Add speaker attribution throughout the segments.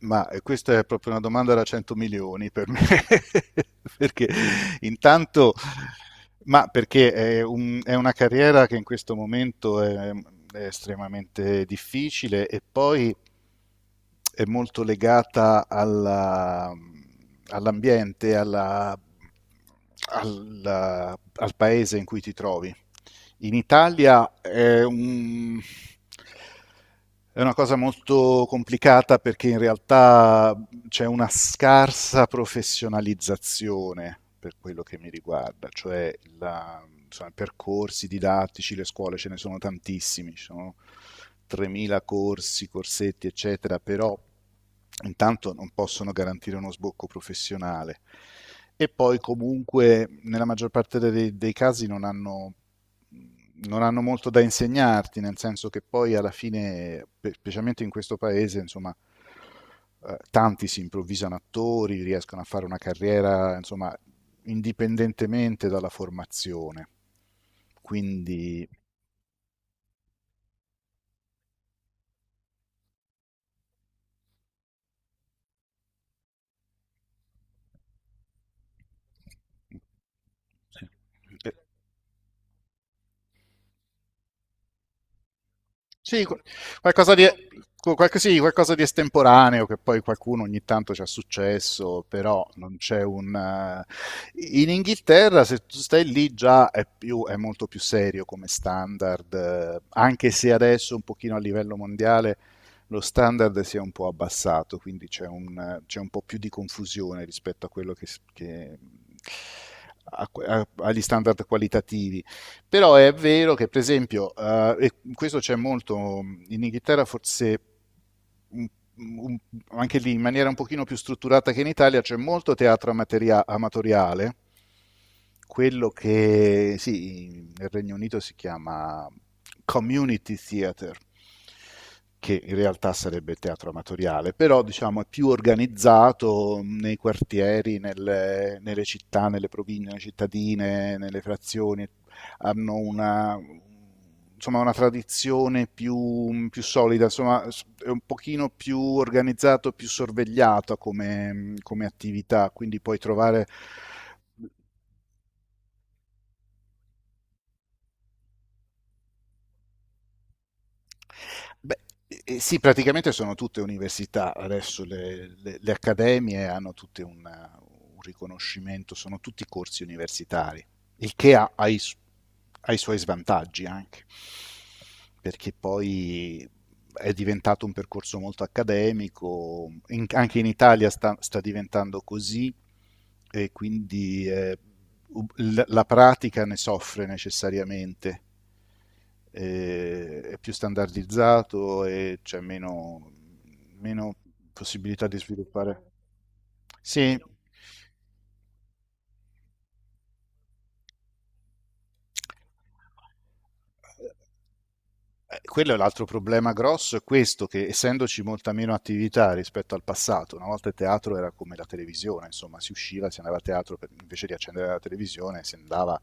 Speaker 1: Questa è proprio una domanda da 100 milioni per me, perché intanto, perché è, è una carriera che in questo momento è estremamente difficile e poi è molto legata all'ambiente, al paese in cui ti trovi. In Italia è è una cosa molto complicata, perché in realtà c'è una scarsa professionalizzazione per quello che mi riguarda, cioè insomma, i percorsi didattici, le scuole ce ne sono tantissimi, ci sono 3.000 corsi, corsetti, eccetera, però intanto non possono garantire uno sbocco professionale. E poi comunque nella maggior parte dei casi non hanno non hanno molto da insegnarti, nel senso che poi alla fine, specialmente in questo paese, insomma, tanti si improvvisano attori, riescono a fare una carriera, insomma, indipendentemente dalla formazione. Quindi sì. eh, Sì, qu- Qualcosa di, sì, qualcosa di estemporaneo che poi qualcuno ogni tanto ci ha successo, però non c'è un... In Inghilterra, se tu stai lì, già è, è molto più serio come standard, anche se adesso un pochino a livello mondiale lo standard si è un po' abbassato, quindi c'è un, c'è un po' più di confusione rispetto a quello che... agli standard qualitativi. Però è vero che, per esempio, e questo c'è molto, mm, in Inghilterra, forse un- un- anche lì in maniera un pochino più strutturata che in Italia, c'è molto teatro amatoriale, quello che, sì, nel Regno Unito si chiama community theatre, che in realtà sarebbe il teatro amatoriale, però diciamo è più organizzato nei quartieri, nelle città, nelle province, nelle cittadine, nelle frazioni, hanno una, insomma, una tradizione più solida, insomma, è un pochino più organizzato, più sorvegliato come, come attività, quindi puoi trovare. Beh, sì, praticamente sono tutte università, adesso le accademie hanno tutte un riconoscimento, sono tutti corsi universitari, il che ha i suoi svantaggi anche, perché poi è diventato un percorso molto accademico, anche in Italia sta diventando così, e quindi la pratica ne soffre necessariamente, è più standardizzato e c'è meno possibilità di sviluppare. Sì, eh, quello è l'altro problema grosso, è questo, che, essendoci molta meno attività rispetto al passato, una volta il teatro era come la televisione, insomma, si usciva, si andava a teatro, invece di accendere la televisione si andava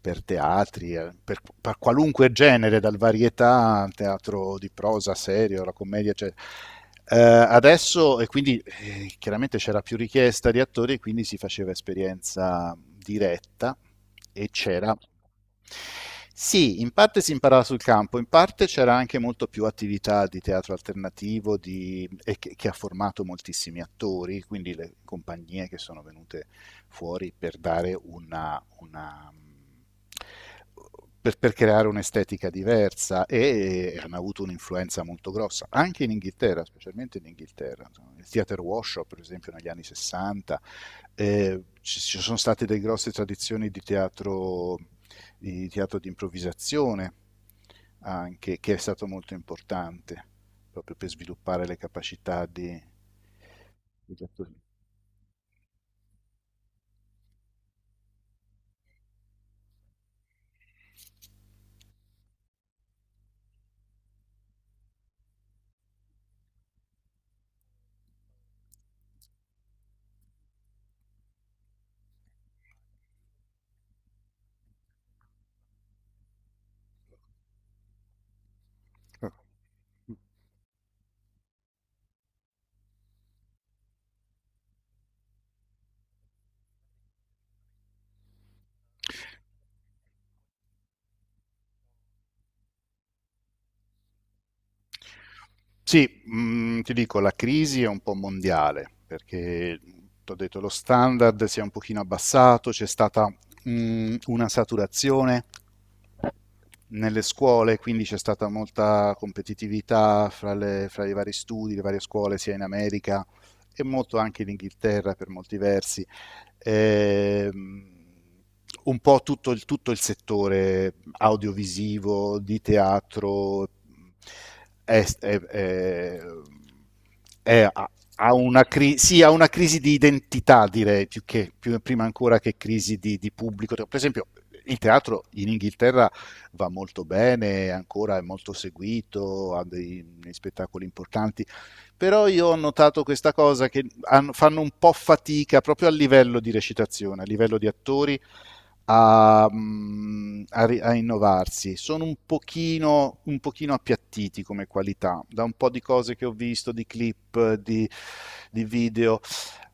Speaker 1: per teatri, per qualunque genere, dal varietà al teatro di prosa, serio, alla commedia, eccetera. Adesso, e quindi chiaramente c'era più richiesta di attori, quindi si faceva esperienza diretta e c'era, sì, in parte si imparava sul campo, in parte c'era anche molto più attività di teatro alternativo che ha formato moltissimi attori, quindi le compagnie che sono venute fuori per dare per creare un'estetica diversa e hanno avuto un'influenza molto grossa, anche in Inghilterra, specialmente in Inghilterra. Insomma, il theater workshop, per esempio, negli anni 60, ci sono state delle grosse tradizioni di teatro, di teatro di improvvisazione, anche, che è stato molto importante proprio per sviluppare le capacità di, degli attori. Sì, ti dico, la crisi è un po' mondiale, perché ti ho detto lo standard si è un pochino abbassato, c'è stata una saturazione nelle scuole, quindi c'è stata molta competitività fra i vari studi, le varie scuole, sia in America e molto anche in Inghilterra per molti versi. Ehm, un po' tutto tutto il settore audiovisivo, di teatro, è, è- è- è- ha ha sì, ha una crisi di identità, direi, più che prima ancora che crisi di pubblico. Per esempio, il teatro in Inghilterra va molto bene, ancora è molto seguito, ha dei spettacoli importanti, però io ho notato questa cosa che fanno un po' fatica proprio a livello di recitazione, a livello di attori, a, mm, a, ri- a innovarsi. Sono un pochino appiattiti come qualità, da un po' di cose che ho visto, di clip, di video.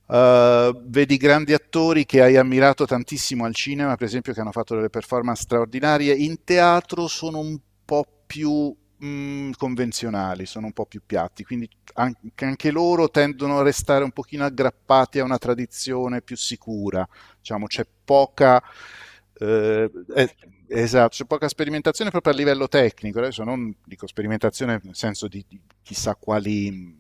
Speaker 1: Vedi grandi attori che hai ammirato tantissimo al cinema, per esempio, che hanno fatto delle performance straordinarie. In teatro sono un po' più convenzionali, sono un po' più piatti, quindi anche, anche loro tendono a restare un pochino aggrappati a una tradizione più sicura, diciamo, c'è poca... Eh, eh, esatto, c'è poca sperimentazione proprio a livello tecnico, adesso non dico sperimentazione nel senso di chissà quali,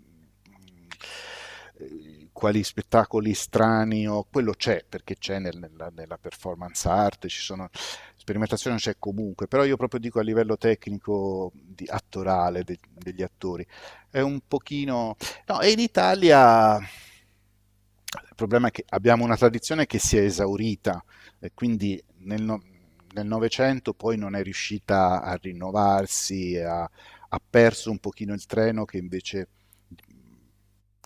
Speaker 1: quali spettacoli strani, o quello c'è perché c'è nella performance art, ci sono, sperimentazione c'è comunque, però io proprio dico a livello tecnico di, attorale de, degli attori, è un pochino. No, e in Italia il problema è che abbiamo una tradizione che si è esaurita, e quindi nel Novecento poi non è riuscita a rinnovarsi, ha, ha perso un pochino il treno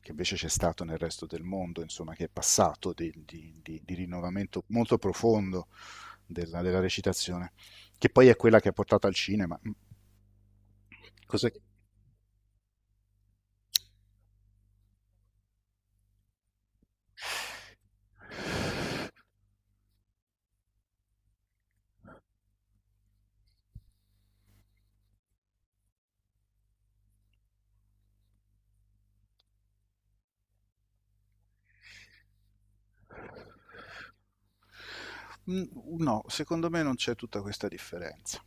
Speaker 1: che invece c'è stato nel resto del mondo, insomma, che è passato di rinnovamento molto profondo della, della recitazione, che poi è quella che ha portato al cinema. Cos'è? Mhmm, no, secondo me non c'è tutta questa differenza.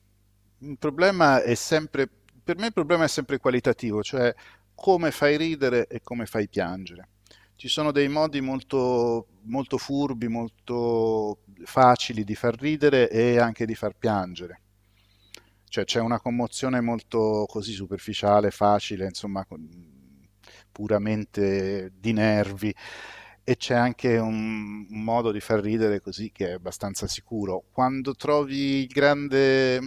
Speaker 1: Il problema è sempre Per me il problema è sempre qualitativo, cioè come fai ridere e come fai piangere. Ci sono dei modi molto, molto furbi, molto facili di far ridere e anche di far piangere. Cioè c'è una commozione molto così superficiale, facile, insomma, con- puramente di nervi. E c'è anche un modo di far ridere così che è abbastanza sicuro. Quando trovi il grande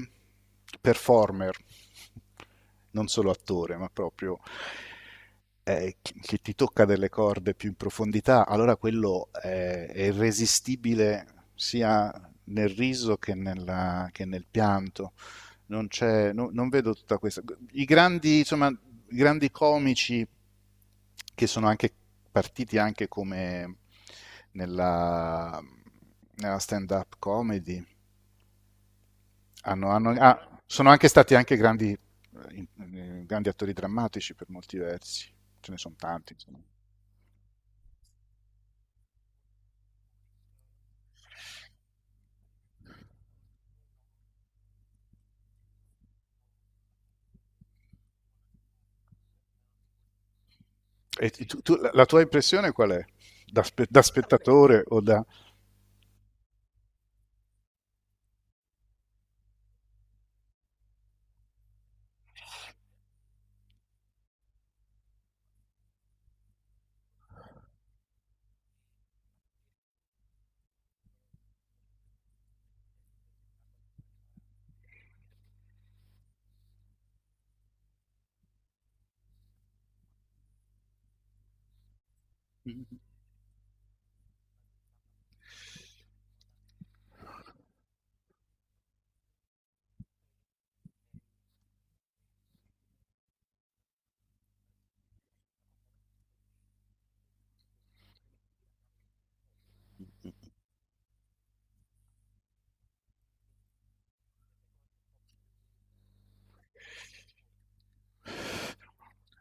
Speaker 1: performer, non solo attore, ma proprio che ti tocca delle corde più in profondità, allora quello è irresistibile sia nel riso che nel pianto. Non c'è, non vedo tutta questa. I grandi, insomma, i grandi comici che sono anche partiti anche come nella, nella stand-up comedy, sono anche stati anche grandi, in- grandi attori drammatici per molti versi. Ce ne sono tanti, insomma. E la tua impressione qual è? Da, spe- da spettatore o da...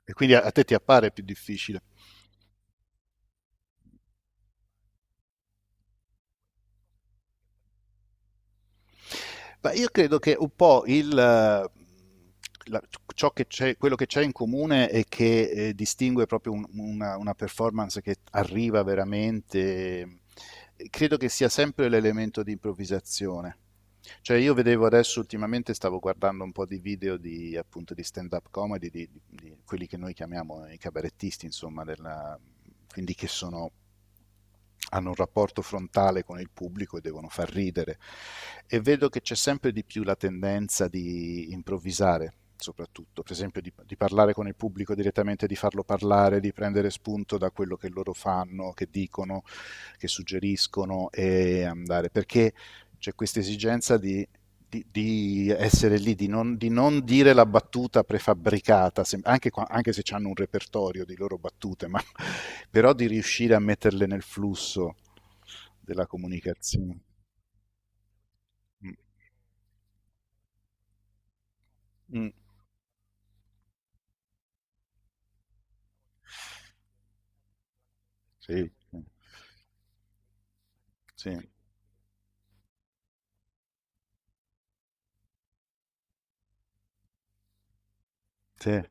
Speaker 1: E quindi a te ti appare più difficile. Ma io credo che un po' il, la- ciò che c'è, quello che c'è in comune è che distingue proprio una performance che arriva veramente. Eh, credo che sia sempre l'elemento di improvvisazione. Cioè, io vedevo adesso ultimamente, stavo guardando un po' di video di, appunto, di stand-up comedy di quelli che noi chiamiamo i cabarettisti, insomma, della, quindi che sono, hanno un rapporto frontale con il pubblico e devono far ridere. E vedo che c'è sempre di più la tendenza di improvvisare, soprattutto, per esempio parlare con il pubblico direttamente, di farlo parlare, di prendere spunto da quello che loro fanno, che dicono, che suggeriscono e andare. Perché c'è questa esigenza di essere lì, di non dire la battuta prefabbricata, anche, anche se hanno un repertorio di loro battute, ma, però di riuscire a metterle nel flusso della comunicazione. Mm, mm, sì, sì. Sì.